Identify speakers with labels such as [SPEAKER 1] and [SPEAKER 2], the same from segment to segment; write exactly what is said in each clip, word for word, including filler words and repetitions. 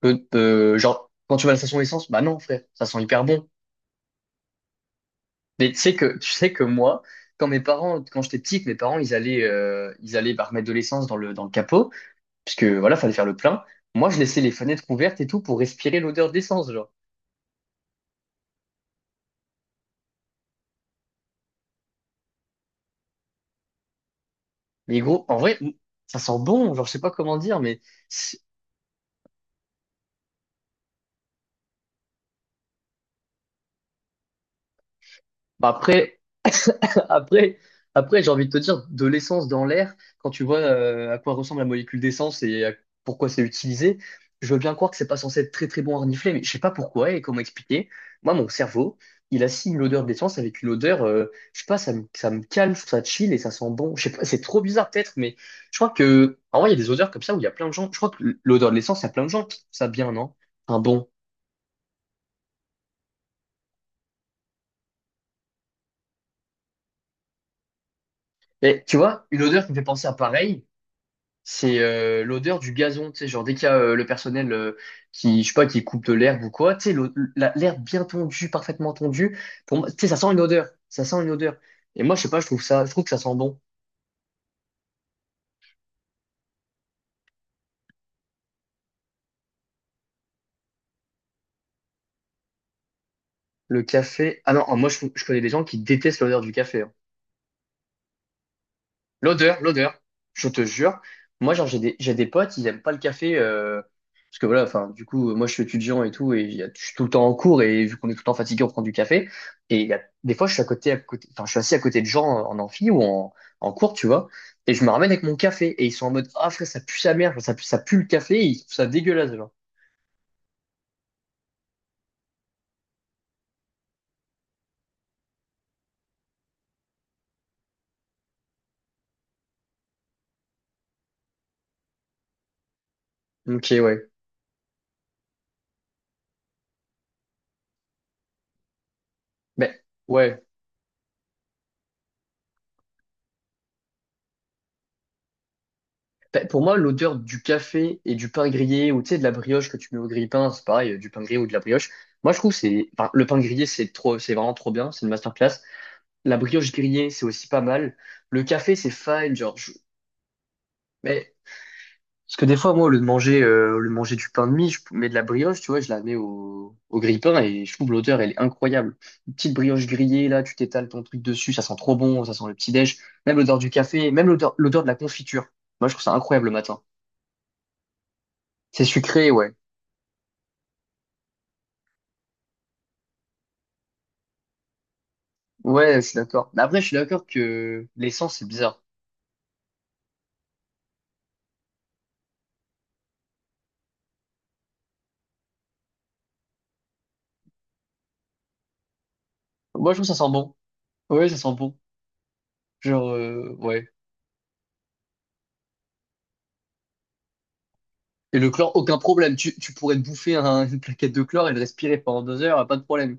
[SPEAKER 1] Peu- peu- genre, quand tu vas à la station essence, bah non, frère, ça sent hyper bon. Mais tu sais que, tu sais que moi, quand mes parents, quand j'étais petit, que mes parents, ils allaient, euh, ils allaient bah, remettre de l'essence dans le, dans le capot, puisque voilà, fallait faire le plein. Moi, je laissais les fenêtres ouvertes et tout pour respirer l'odeur d'essence, genre. Mais gros, en vrai, ça sent bon, genre, je sais pas comment dire, mais c'est- bah, après. Après, après j'ai envie de te dire, de l'essence dans l'air, quand tu vois euh, à quoi ressemble la molécule d'essence et à- pourquoi c'est utilisé, je veux bien croire que c'est pas censé être très très bon à renifler, mais je sais pas pourquoi et comment expliquer. Moi, mon cerveau, il assigne l'odeur d'essence avec une odeur, euh, je sais pas, ça me, ça me calme, ça chill et ça sent bon. Je sais pas, c'est trop bizarre peut-être, mais je crois que, en vrai, il y a des odeurs comme ça où il y a plein de gens, je crois que l'odeur de l'essence, il y a plein de gens qui trouvent ça bien, non? Un bon. Et tu vois, une odeur qui me fait penser à pareil. c'est euh, l'odeur du gazon, tu sais, genre dès qu'il y a euh, le personnel euh, qui, je sais pas, qui coupe de l'herbe ou quoi, tu sais, l'o- la- l'herbe bien tondue, parfaitement tondue, pour moi, tu sais, ça sent une odeur, ça sent une odeur. Et moi, je sais pas, je trouve ça, je trouve que ça sent bon. Le café, ah non, moi, je, je connais des gens qui détestent l'odeur du café, hein. L'odeur, l'odeur, je te jure. Moi, genre, j'ai des, j'ai des potes, ils aiment pas le café, euh, parce que voilà, enfin, du coup, moi, je suis étudiant et tout, et il y a- je suis tout le temps en cours, et vu qu'on est tout le temps fatigué, on prend du café. Et il y a, des fois, je suis à côté, à côté, enfin, je suis assis à côté de gens en amphi ou en, en cours, tu vois, et je me ramène avec mon café, et ils sont en mode, ah, frère, ça pue sa mère, ça pue, ça pue le café, et ils trouvent ça dégueulasse, genre. Ok, ouais. Ben, ouais. Bah, Pour moi, l'odeur du café et du pain grillé ou tu sais, de la brioche que tu mets au grille-pain, c'est pareil, euh, du pain grillé ou de la brioche. Moi, je trouve que c'est enfin, le pain grillé, c'est trop, c'est vraiment trop bien, c'est une masterclass. La brioche grillée, c'est aussi pas mal. Le café, c'est fine, genre. je- Mais parce que des fois, moi, au lieu de manger, euh, au lieu de manger du pain de mie, je mets de la brioche, tu vois, je la mets au, au grille-pain et je trouve l'odeur, elle est incroyable. Une petite brioche grillée, là, tu t'étales ton truc dessus, ça sent trop bon, ça sent le petit déj. Même l'odeur du café, même l'odeur, l'odeur de la confiture. Moi, je trouve ça incroyable le matin. C'est sucré, ouais. Ouais, je suis d'accord. Mais après, je suis d'accord que l'essence, c'est bizarre. Moi, je trouve que ça sent bon. Ouais, ça sent bon. Genre, euh, ouais. Et le chlore, aucun problème. Tu, tu pourrais te bouffer un- une plaquette de chlore et le respirer pendant deux heures, pas de problème.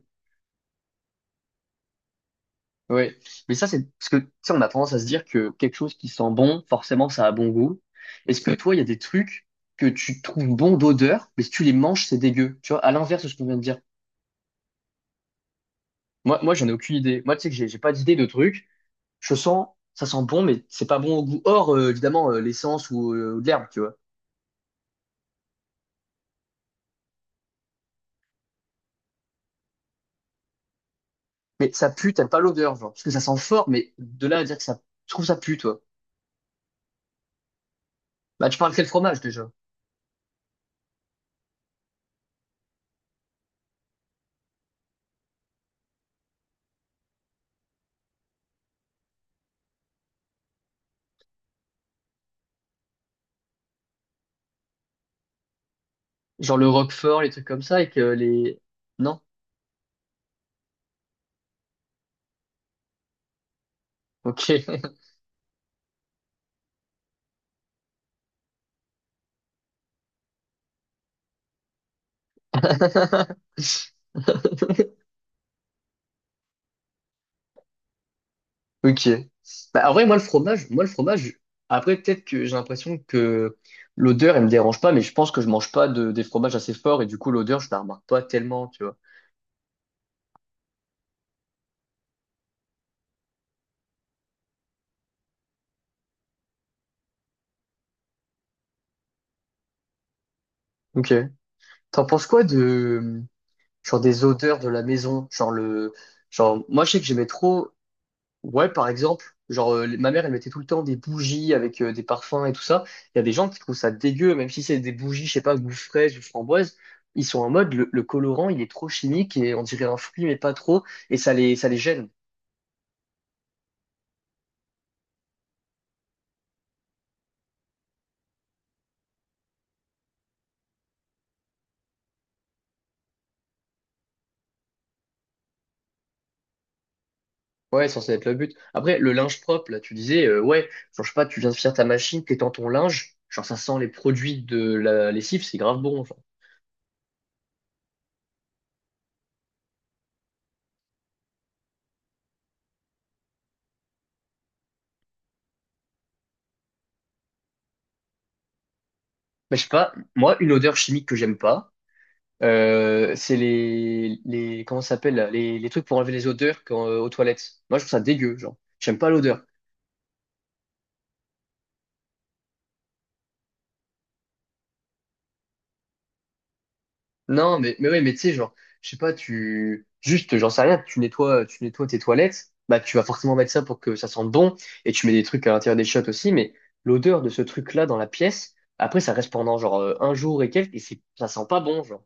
[SPEAKER 1] Ouais. Mais ça, c'est parce que, tu sais, on a tendance à se dire que quelque chose qui sent bon, forcément, ça a bon goût. Est-ce que toi, il y a des trucs que tu trouves bon d'odeur, mais si tu les manges, c'est dégueu. Tu vois, à l'inverse de ce qu'on vient de dire. Moi, moi, j'en ai aucune idée. Moi, tu sais que j'ai j'ai pas d'idée de trucs. je sens, ça sent bon, mais c'est pas bon au goût. Or, euh, évidemment, euh, l'essence ou, euh, ou de l'herbe, tu vois. Mais ça pue, t'aimes pas l'odeur, genre. Parce que ça sent fort, mais de là à dire que ça, je trouve ça pue, toi. Bah, tu parles quel fromage, déjà? Genre le Roquefort, les trucs comme ça, et que les... Non? Ok. Ok. Bah, en vrai, moi, le fromage, moi, le fromage, après, peut-être que j'ai l'impression que l'odeur, elle me dérange pas, mais je pense que je mange pas de, des fromages assez forts, et du coup, l'odeur, je la remarque pas tellement, tu vois. Ok. T'en penses quoi de, genre des odeurs de la maison, genre le, genre moi je sais que j'aimais trop, ouais par exemple, genre euh, les- ma mère elle mettait tout le temps des bougies avec euh, des parfums et tout ça. Il y a des gens qui trouvent ça dégueu, même si c'est des bougies, je sais pas, goût fraise ou framboise, ils sont en mode le, le colorant il est trop chimique et on dirait un fruit mais pas trop et ça les ça les gêne. Ouais, c'est censé être le but. Après, le linge propre, là, tu disais, euh, ouais, genre, je sais pas, tu viens de faire ta machine, t'es dans ton linge, genre, ça sent les produits de la lessive, c'est grave bon, genre. Mais je sais pas, moi, une odeur chimique que j'aime pas, Euh, c'est les, les, comment ça s'appelle, là les, les trucs pour enlever les odeurs quand, euh, aux toilettes. Moi, je trouve ça dégueu, genre. J'aime pas l'odeur. Non, mais, mais ouais, mais tu sais, genre, je sais pas, tu, juste, j'en sais rien, tu nettoies, tu nettoies tes toilettes, bah, tu vas forcément mettre ça pour que ça sente bon, et tu mets des trucs à l'intérieur des chiottes aussi, mais l'odeur de ce truc-là dans la pièce, après, ça reste pendant, genre, euh, un jour et quelques, et c'est, ça sent pas bon, genre.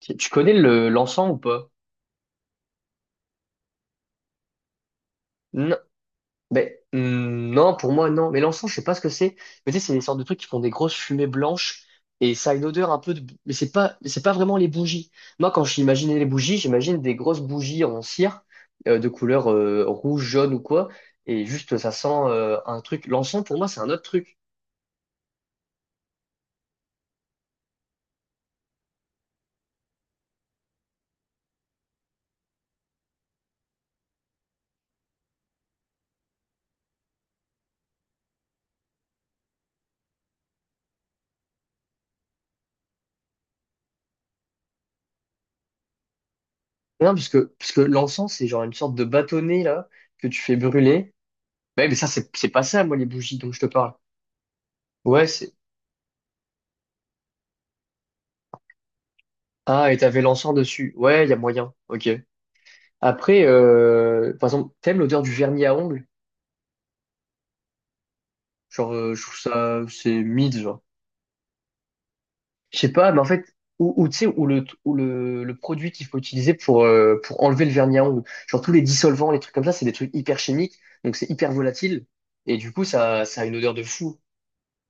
[SPEAKER 1] Tu tu connais le, l'encens ou pas? Ben, hum, non, pour moi, non. Mais l'encens, je sais pas ce que c'est. Mais tu sais, c'est des sortes de trucs qui font des grosses fumées blanches et ça a une odeur un peu de... Mais c'est pas, mais c'est pas vraiment les bougies. Moi, quand j'imaginais les bougies, j'imagine des grosses bougies en cire euh, de couleur euh, rouge, jaune ou quoi. Et juste, ça sent euh, un truc. L'encens, pour moi, c'est un autre truc. Non, puisque, puisque l'encens, c'est genre une sorte de bâtonnet, là, que tu fais brûler. Ouais, mais ça, c'est c'est pas ça, moi, les bougies dont je te parle. Ouais, c'est... Ah, et t'avais l'encens dessus. Ouais, il y a moyen. Ok. Après, euh, par exemple, t'aimes l'odeur du vernis à ongles? Genre, euh, je trouve ça, c'est mid, genre. Je sais pas, mais en fait, ou, ou tu sais, ou le, ou le, le produit qu'il faut utiliser pour, euh, pour enlever le vernis à ongles. Genre, tous les dissolvants, les trucs comme ça, c'est des trucs hyper chimiques, donc c'est hyper volatile. Et du coup, ça, ça a une odeur de fou.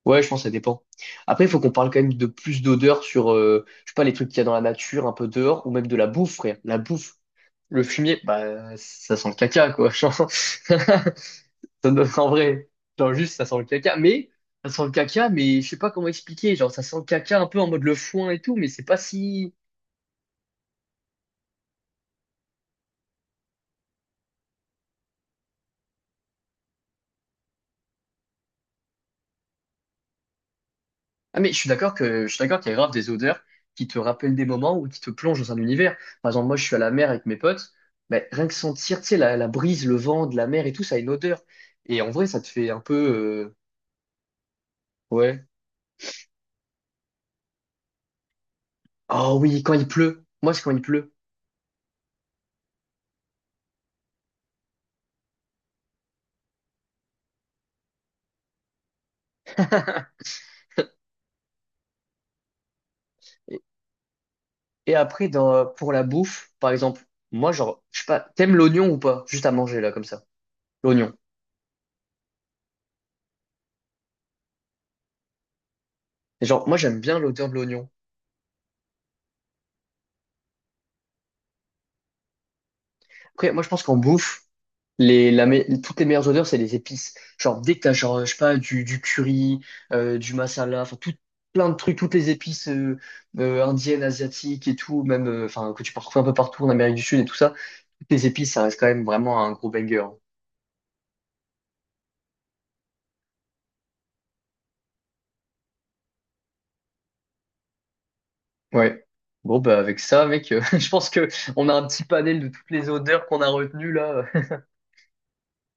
[SPEAKER 1] Ouais, je pense que ça dépend. Après, il faut qu'on parle quand même de plus d'odeur sur, euh, je sais pas, les trucs qu'il y a dans la nature, un peu dehors, ou même de la bouffe, frère. La bouffe, le fumier, bah, ça sent le caca, quoi. genre. Ça me donne en vrai. Genre juste, ça sent le caca. Mais, ça sent le caca, mais je sais pas comment expliquer. Genre, ça sent le caca un peu en mode le foin et tout, mais c'est pas si. Ah, mais je suis d'accord que, je suis d'accord qu'il y a grave des odeurs qui te rappellent des moments ou qui te plongent dans un univers. Par exemple, moi, je suis à la mer avec mes potes. Mais rien que sentir, tu sais, la, la brise, le vent de la mer et tout, ça a une odeur. Et en vrai, ça te fait un peu, euh, ouais. Oh oui, quand il pleut. Moi, c'est quand il pleut. Et, et après, dans, pour la bouffe, par exemple, moi, genre, je sais pas, t'aimes l'oignon ou pas? Juste à manger, là, comme ça. L'oignon. Genre, moi, j'aime bien l'odeur de l'oignon. Après, moi, je pense qu'en bouffe, les, la me- toutes les meilleures odeurs, c'est les épices. Genre, dès que t'as, genre, je sais pas, du, du curry, euh, du masala, enfin, tout, plein de trucs, toutes les épices euh, euh, indiennes, asiatiques et tout, même, euh, enfin, que tu peux retrouver un peu partout en Amérique du Sud et tout ça, toutes les épices, ça reste quand même vraiment un gros banger, hein. Ouais. Bon, bah, avec ça, mec, euh, je pense que on a un petit panel de toutes les odeurs qu'on a retenues, là. euh,